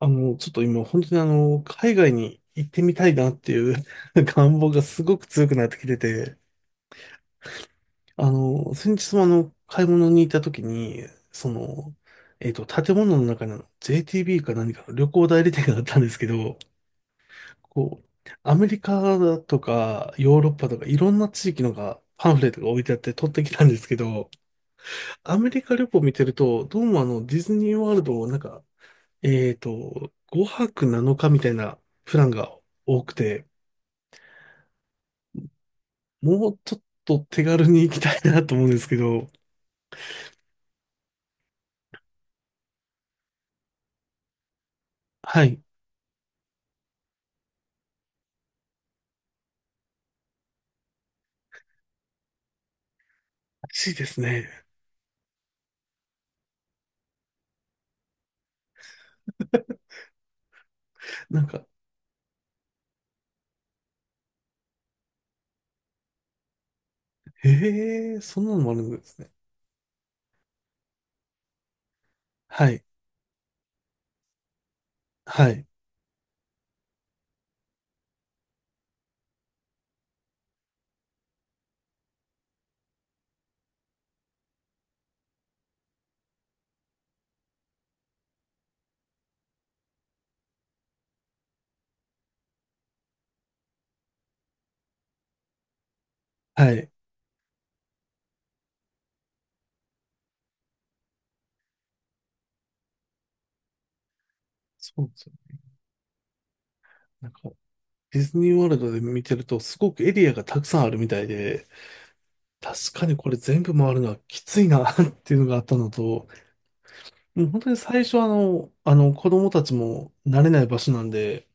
ちょっと今、本当に海外に行ってみたいなっていう 願望がすごく強くなってきてて、先日も買い物に行った時に、建物の中にJTB か何かの旅行代理店があったんですけど、こう、アメリカだとか、ヨーロッパとか、いろんな地域のが、パンフレットが置いてあって取ってきたんですけど、アメリカ旅行見てると、どうもディズニーワールドをなんか、5泊7日みたいなプランが多くて、もうちょっと手軽に行きたいなと思うんですけど。はい。らしいですね。なんか、へえ、そんなのもあるんですね。はい。はい。はい。そうですよ。なんか、ディズニーワールドで見てると、すごくエリアがたくさんあるみたいで、確かにこれ全部回るのはきついな っていうのがあったのと、もう本当に最初は子供たちも慣れない場所なんで、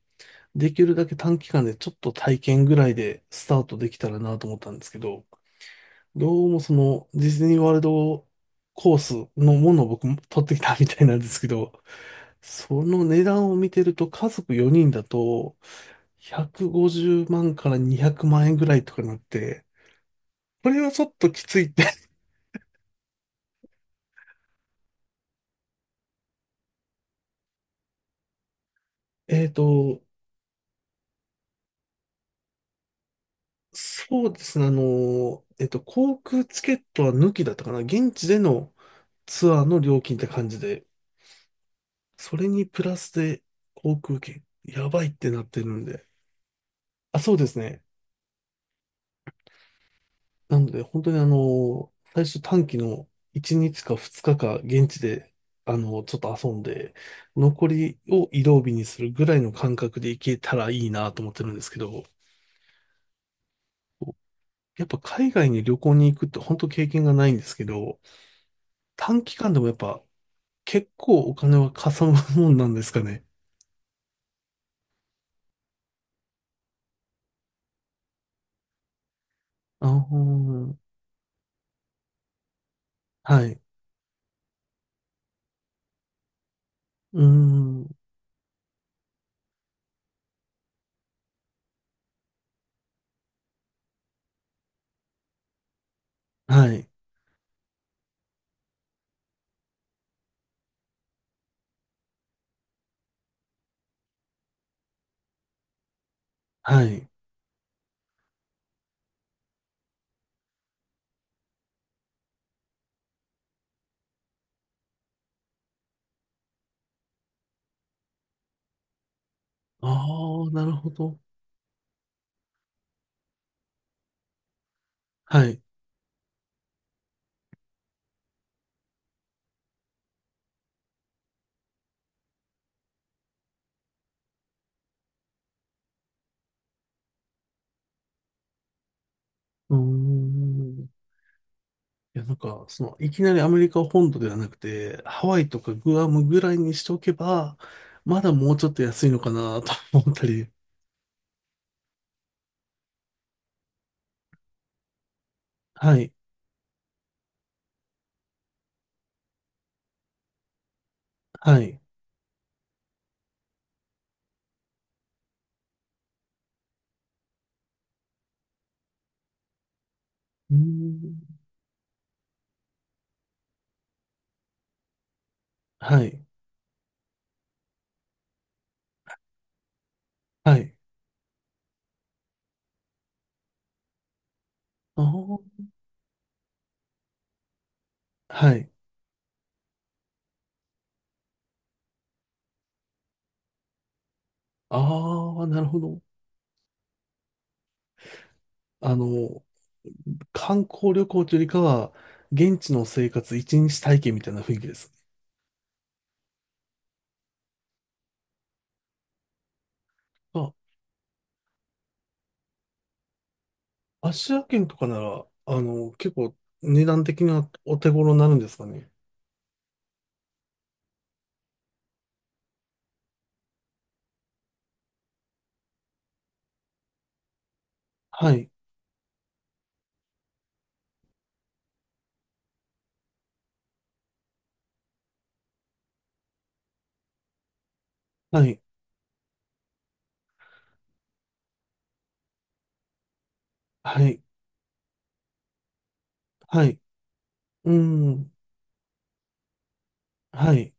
できるだけ短期間でちょっと体験ぐらいでスタートできたらなと思ったんですけど、どうもそのディズニーワールドコースのものを僕も取ってきたみたいなんですけど、その値段を見てると家族4人だと150万から200万円ぐらいとかなって、これはちょっときついって えっと、そうですね、航空チケットは抜きだったかな、現地でのツアーの料金って感じで、それにプラスで航空券、やばいってなってるんで。あ、そうですね。なので、本当に最初短期の1日か2日か現地で、ちょっと遊んで、残りを移動日にするぐらいの感覚で行けたらいいなと思ってるんですけど、やっぱ海外に旅行に行くって本当経験がないんですけど、短期間でもやっぱ結構お金はかさむもんなんですかね。ああ、はい。うーん。はい。はい。ああ、なるほど。はい。うーん。いや、なんか、いきなりアメリカ本土ではなくて、ハワイとかグアムぐらいにしておけば、まだもうちょっと安いのかなと思ったり。はい。はい。うーん。はい。はい。あー、はい。ああ、なるほど。あの、観光旅行というよりかは、現地の生活一日体験みたいな雰囲気です。あ、アジア圏とかなら、結構値段的にはお手頃になるんですかね。はい、はい、はい、はい、うーん、はい、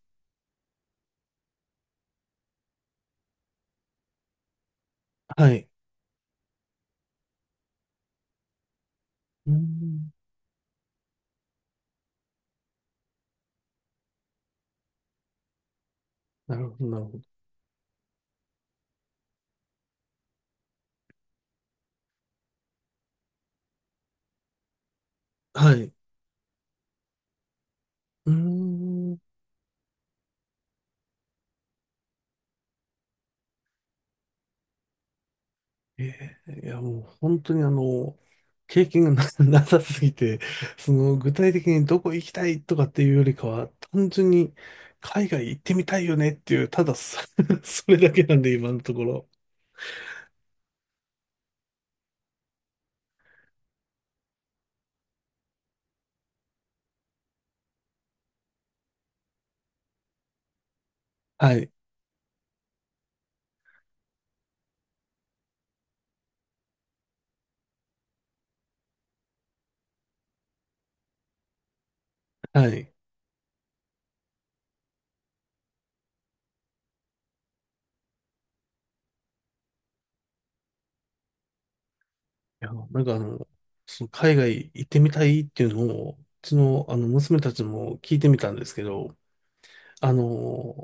はい、うーん、なるほど、なるほど。はい、うーん、いや、もう本当に経験がなさすぎて、その具体的にどこ行きたいとかっていうよりかは、単純に海外行ってみたいよねっていう、ただそれだけなんで今のところ。はい、はい。いや、なんかその海外行ってみたいっていうのを、うちのあの娘たちも聞いてみたんですけど、あの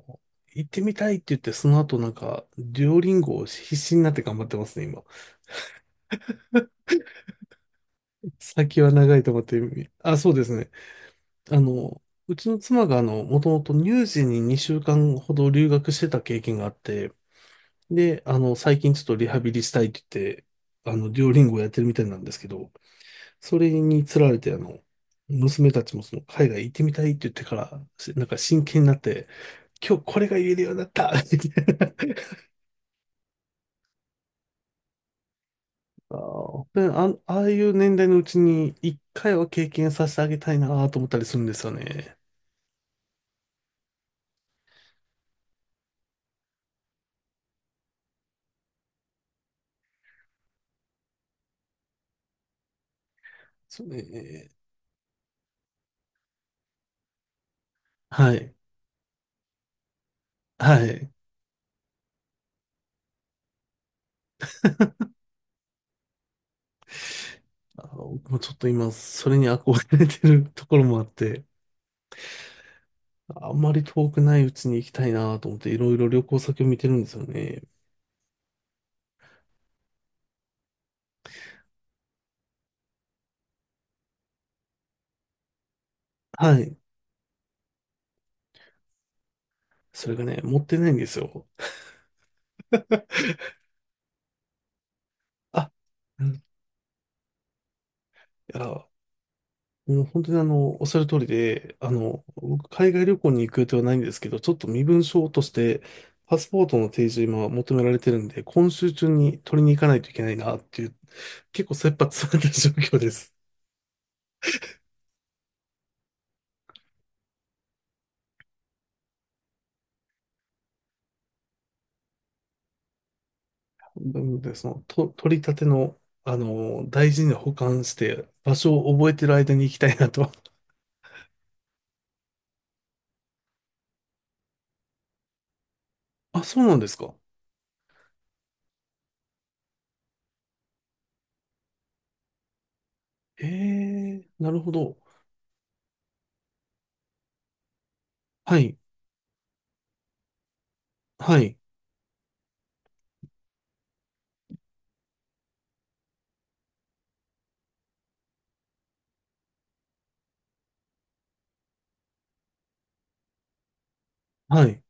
ー行ってみたいって言って、その後なんか、デュオリンゴを必死になって頑張ってますね、今。先は長いと思って。あ、そうですね。あの、うちの妻がもともと乳児に2週間ほど留学してた経験があって、で、最近ちょっとリハビリしたいって言って、デュオリンゴをやってるみたいなんですけど、それにつられて、娘たちもその海外行ってみたいって言ってから、なんか真剣になって、今日これが言えるようになったって言って。で、あ、ああいう年代のうちに一回は経験させてあげたいなと思ったりするんですよね。そうね。はい。はい。あの、もうちょっと今、それに憧れてるところもあって、あんまり遠くないうちに行きたいなと思って、いろいろ旅行先を見てるんですよね。はい。それがね、持ってないんですよ。あ、うん、いや、うん、本当におっしゃる通りで、僕、海外旅行に行く予定はないんですけど、ちょっと身分証として、パスポートの提示を今求められてるんで、今週中に取りに行かないといけないなっていう、結構切羽詰まった状況です。なので、取り立ての、大事に保管して、場所を覚えてる間に行きたいなと。あ、そうなんですか。へえ、なるほど。はい、はい、はい、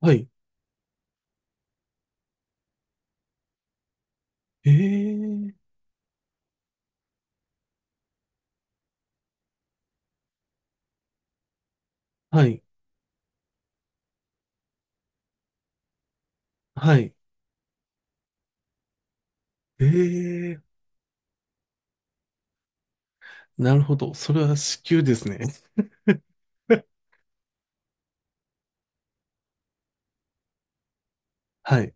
はい。へえ、はい、はい。へえ。なるほど。それは至急ですね。はい。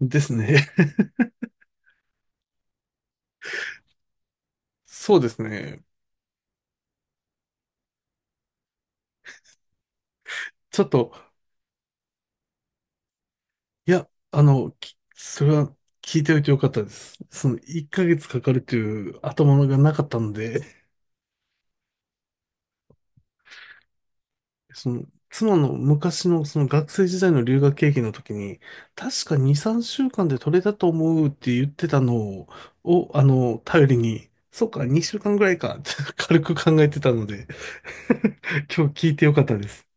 ですね。そうですね。ちょっと、いや、それは聞いておいてよかったです。1ヶ月かかるという頭がなかったので、その、妻の昔のその学生時代の留学経験の時に、確か2、3週間で取れたと思うって言ってたのを、頼りに、そっか、2週間ぐらいかって軽く考えてたので 今日聞いてよかったです。